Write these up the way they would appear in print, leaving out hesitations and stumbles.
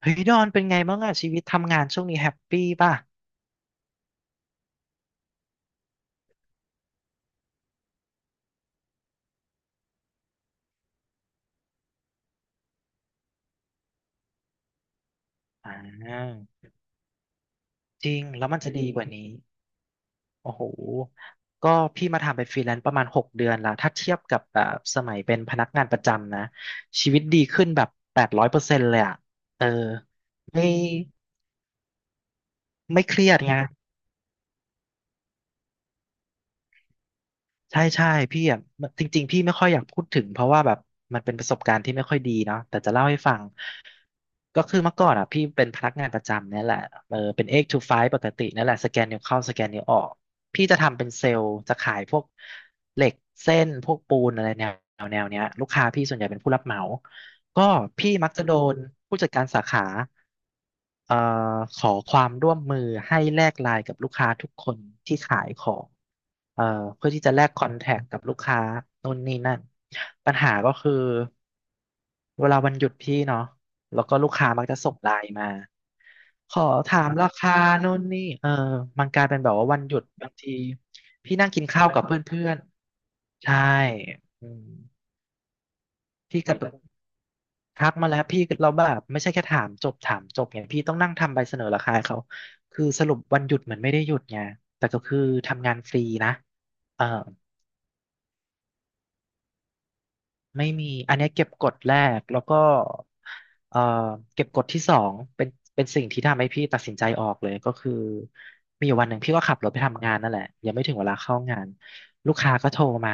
เฮ้ยดอนเป็นไงบ้างอะชีวิตทำงานช่วงนี้แฮปปี้ป่ะอ่าจริงแล้วมันจะดีกว่านี้โอ้โหก็พี่มาทำเป็นฟรีแลนซ์ประมาณ6 เดือนแล้วถ้าเทียบกับแบบสมัยเป็นพนักงานประจำนะชีวิตดีขึ้นแบบ800%เลยอะเออไม่ไม่เครียดไงใช่ใช่พี่อะจริงๆพี่ไม่ค่อยอยากพูดถึงเพราะว่าแบบมันเป็นประสบการณ์ที่ไม่ค่อยดีเนาะแต่จะเล่าให้ฟัง ก็คือเมื่อก่อนอ่ะพี่เป็นพนักงานประจำเนี่ยแหละเออเป็น eight to five ปกติเนี่ยแหละสแกนนิ้วเข้าสแกนนิ้วออกพี่จะทำเป็นเซลล์จะขายพวกเหล็กเส้นพวกปูนอะไรแนวแนวเนี้ยลูกค้าพี่ส่วนใหญ่เป็นผู้รับเหมาก็พี่มักจะโดนผู้จัดการสาขาเอ่อขอความร่วมมือให้แลกไลน์กับลูกค้าทุกคนที่ขายของเอ่อเพื่อที่จะแลกคอนแทคกับลูกค้านู่นนี่นั่นปัญหาก็คือเวลาวันหยุดพี่เนาะ แล้วก็ลูกค้ามักจะส่งไลน์มาขอถามราคานู่นนี่เออมันกลายเป็นแบบว่าวันหยุดบางทีพี่นั่งกินข้าวกับเพื่อนๆใช่อืมพี่ก็แบบทักมาแล้วพี่เราแบบไม่ใช่แค่ถามจบถามจบไงพี่ต้องนั่งทำใบเสนอราคาให้เขาคือสรุปวันหยุดเหมือนไม่ได้หยุดไงแต่ก็คือทำงานฟรีนะเออ ไม่มีอันเนี้ยเก็บกดแรกแล้วก็เอ่อเก็บกดที่สองเป็นสิ่งที่ทำให้พี่ตัดสินใจออกเลยก็คือมีอยู่วันหนึ่งพี่ก็ขับรถไปทำงานนั่นแหละยังไม่ถึงเวลาเข้างานลูกค้าก็โทรมา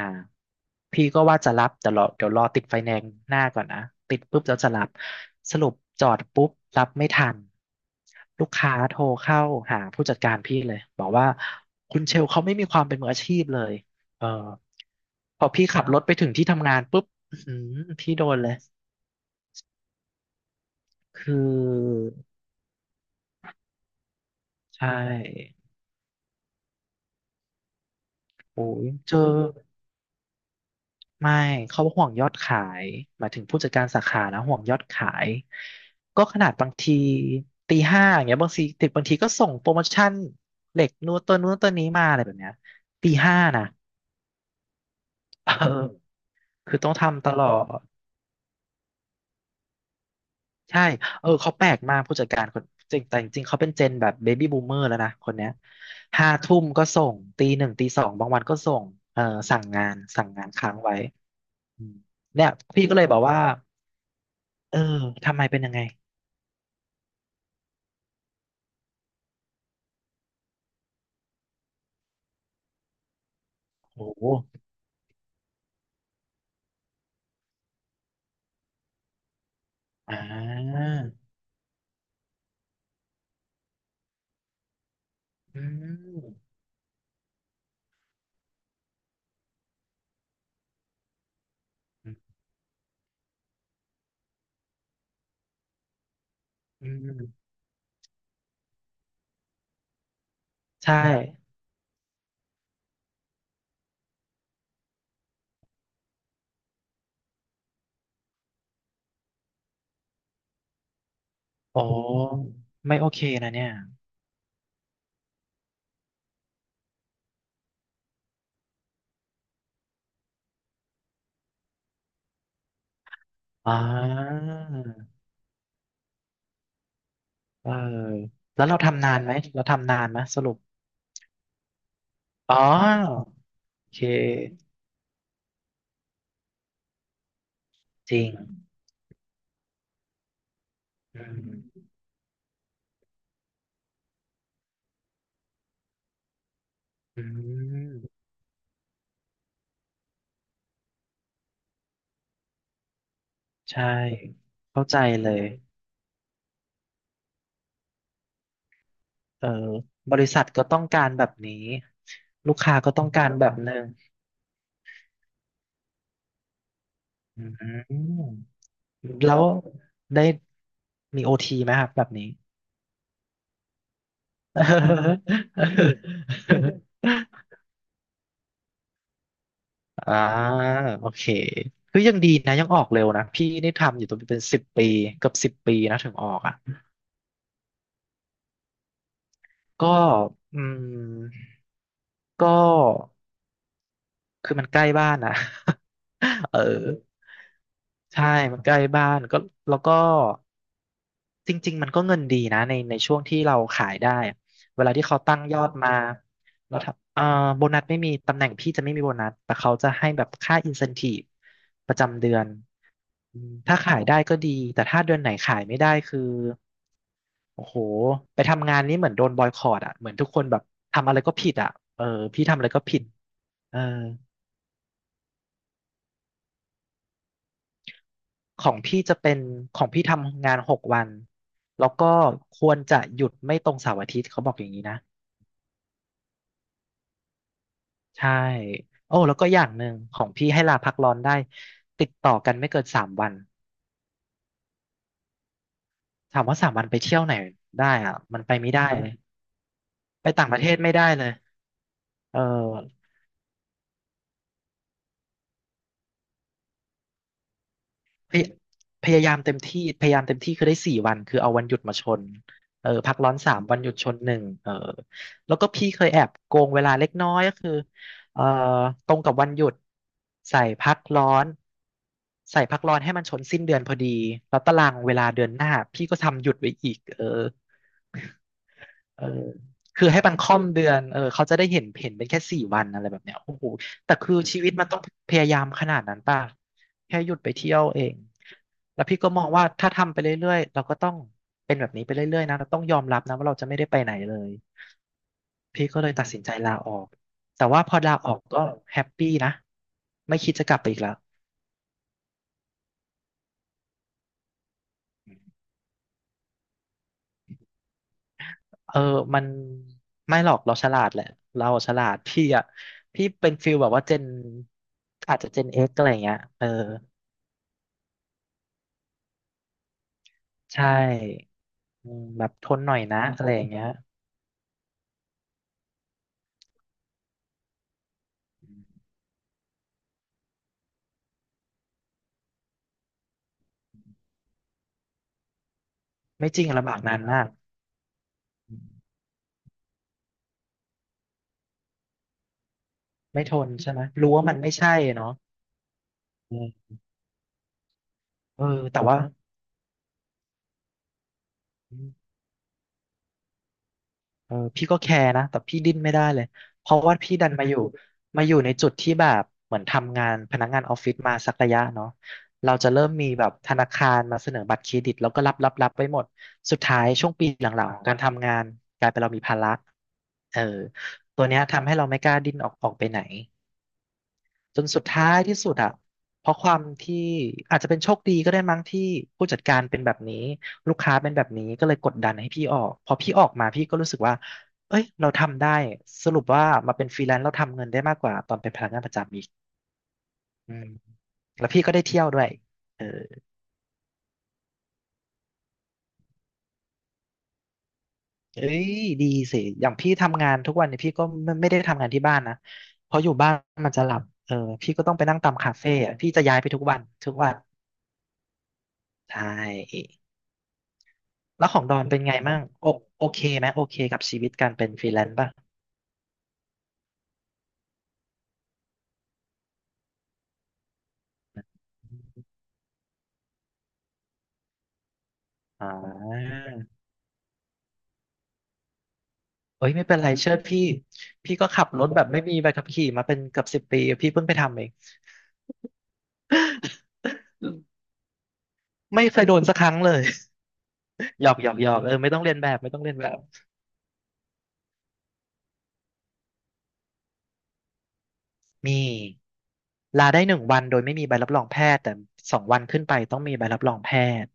พี่ก็ว่าจะรับแต่รอเดี๋ยวรอติดไฟแนนซ์หน้าก่อนนะติดปุ๊บแล้วจะรับสรุปจอดปุ๊บรับไม่ทันลูกค้าโทรเข้าหาผู้จัดการพี่เลยบอกว่าคุณเชลเขาไม่มีความเป็นมืออาชีพเลยเออพอพี่ขับรถไปถึงที่ทำงานปุ๊บ อืมพี่โดนเลยคือใช่โอ้ยเจอไม่เขาห่วงยอดขายหมายถึงผู้จัดการสาขานะห่วงยอดขายก็ขนาดบางทีตีห้าอย่างเงี้ยบางทีติดบางทีก็ส่งโปรโมชั่นเหล็กนู้นตัวนู้นตัวนี้มาอะไรแบบเนี้ยตีห้านะเออคือต้องทำตลอด ใช่ เออเขาแปลกมากผู้จัดการคนจริงแต่จริงๆ เขาเป็นเจนแบบเบบี้บูมเมอร์แล้วนะคนเนี้ยห้าทุ่มก็ส่งตีหนึ่งตีสองบางวันก็ส่งเออสั่งงานสั่งงานค้างไว้อืมเนี่ยพี่ก็เลยบอกว่า เออทำไมเป็นยังไงโอ้โหอ่าอืมอืมใช่ โอ้ไม่โอเคนะเนี่ยอ่าเออ แล้วเราทำนานไหมเราทำนานไหมสรุป อ๋อ โอเคจริง อืมอืมใช่เข้าใจเลยเออบริษัทก็ต้องการแบบนี้ลูกค้าก็ต้องการแบบหนึ่งอืมแล้วได้มีโอทีไหมครับแบบนี้ อ่าโอเคคือยังดีนะยังออกเร็วนะพี่นี่ทำอยู่ตัวเป็นสิบปีเกับสิบปีนะถึงออกอ่ะก็อืมก็คือมันใกล้บ้านนะ เออ ใช่ มันใกล้บ้านก็แล้วก็จริงๆมันก็เงินดีนะในช่วงที่เราขายได้อะเวลาที่เขาตั้งยอดมาแล้วถ้าโบนัสไม่มีตำแหน่งพี่จะไม่มีโบนัสแต่เขาจะให้แบบค่าอินเซนทีฟประจำเดือนถ้าขายได้ก็ดีแต่ถ้าเดือนไหนขายไม่ได้คือโอ้โหไปทำงานนี้เหมือนโดนบอยคอตอ่ะเหมือนทุกคนแบบทำอะไรก็ผิดอ่ะเออพี่ทำอะไรก็ผิดเออ ของพี่จะเป็นของพี่ทำงาน6 วันแล้วก็ควรจะหยุดไม่ตรงเสาร์อาทิตย์เขาบอกอย่างนี้นะใช่โอ้แล้วก็อย่างหนึ่งของพี่ให้ลาพักร้อนได้ติดต่อกันไม่เกินสามวันถามว่าสามวันไปเที่ยวไหนได้อะมันไปไม่ได้เลยไปต่างประเทศไม่ได้เลยเออ พยพยายามเต็มที่พยายามเต็มที่คือได้4 วันคือเอาวันหยุดมาชนเออพักร้อนสามวันหยุดชนหนึ่งเออแล้วก็พี่เคยแอบโกงเวลาเล็กน้อยก็คือเออตรงกับวันหยุดใส่พักร้อนใส่พักร้อนให้มันชนสิ้นเดือนพอดีแล้วตารางเวลาเดือนหน้าพี่ก็ทำหยุดไว้อีกเออ เออคือให้มันค่อมเดือนเขาจะได้เห็นเป็นแค่สี่วันอะไรแบบเนี้ยโอ้โหแต่คือชีวิตมันต้องพยายามขนาดนั้นป่ะแค่หยุดไปเที่ยวเองแล้วพี่ก็มองว่าถ้าทำไปเรื่อยๆเราก็ต้องเป็นแบบนี้ไปเรื่อยๆนะเราต้องยอมรับนะว่าเราจะไม่ได้ไปไหนเลยพี่ก็เลยตัดสินใจลาออกแต่ว่าพอลาออกก็แฮปปี้นะไม่คิดจะกลับไปอีกแล้วเออมันไม่หรอกเราฉลาดแหละเราฉลาดพี่อะพี่เป็นฟิลแบบว่าเจนอาจจะเจนเอ็กอะไรอย่างเงี้ยเออ ใช่อืมแบบทนหน่อยนะอะไรอย่างเงี้ยไม่จริงลำบากนานมากไม่ทนใช่ไหมรู้ว่ามันไม่ใช่เนาะอืมเออแต่ว่าพี่ก็แคร์นะแต่พี่ดิ้นไม่ได้เลยเพราะว่าพี่ดันมาอยู่ในจุดที่แบบเหมือนทำงานพนักงานออฟฟิศมาสักระยะเนาะเราจะเริ่มมีแบบธนาคารมาเสนอบัตรเครดิตแล้วก็รับไปหมดสุดท้ายช่วงปีหลังๆของการทำงานกลายเป็นเรามีภาระเออตัวเนี้ยทำให้เราไม่กล้าดิ้นออกไปไหน จนสุดท้ายที่สุดอะเพราะความที่อาจจะเป็นโชคดีก็ได้มั้งที่ผู้จัดการเป็นแบบนี้ลูกค้าเป็นแบบนี้ก็เลยกดดันให้พี่ออกพอพี่ออกมาพี่ก็รู้สึกว่าเอ้ยเราทำได้สรุปว่ามาเป็นฟรีแลนซ์เราทำเงินได้มากกว่าตอนเป็นพนักงานประจำอีกอืมแล้วพี่ก็ได้เที่ยวด้วยเออเอ้ยดีสิอย่างพี่ทำงานทุกวันเนี่ยพี่ก็ไม่ได้ทำงานที่บ้านนะเพราะอยู่บ้านมันจะหลับพี่ก็ต้องไปนั่งตามคาเฟ่อะพี่จะย้ายไปทุกวันทุกวันใช่ แล้วของดอนเป็นไงมั่งโอโอเคไหมโอเคกับชีวิตการเป็นฟรีแลนซ์ป่ะอ่าเอ้ยไม่เป็นไรเชื่อพี่พี่ก็ขับรถแบบไม่มีใบขับขี่มาเป็นเกือบสิบปีพี่เพิ่งไปทำเองไม่เคยโดนสักครั้งเลย หยอกหยอกหยอกไม่ต้องเรียนแบบไม่ต้องเรียนแบบมีลาได้หนึ่งวันโดยไม่มีใบรับรองแพทย์แต่สองวันขึ้นไปต้องมีใบรับรองแพทย์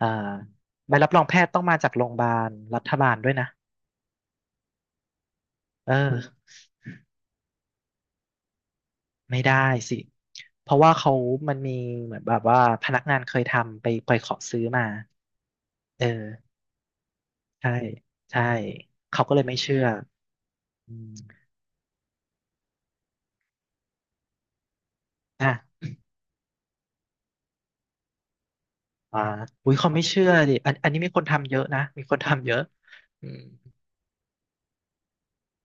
อ่าใบรับรองแพทย์ต้องมาจากโรงพยาบาลรัฐบาลด้วยนะเออ ไม่ได้สิเพราะว่าเขามันมีเหมือนแบบว่าพนักงานเคยทำไปขอซื้อมาเออใช่ใช่เขาก็เลยไม่เชื่ออืมอ่ะอ่าอุ้ยเขาไม่เชื่อดิอันนี้มีคนทำเยอะนะมีคนทำเยอะอืม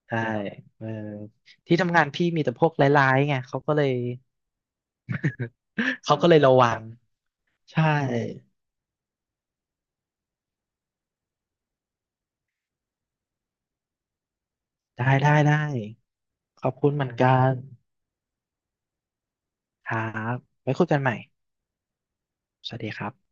ใช่เออที่ทำงานพี่มีแต่พวกร้ายๆไงเขาก็เลย เขาก็เลยระวังใช่ได้ได้ได้ขอบคุณเหมือนกันครับไว้คุยกันใหม่สวัสดีครับ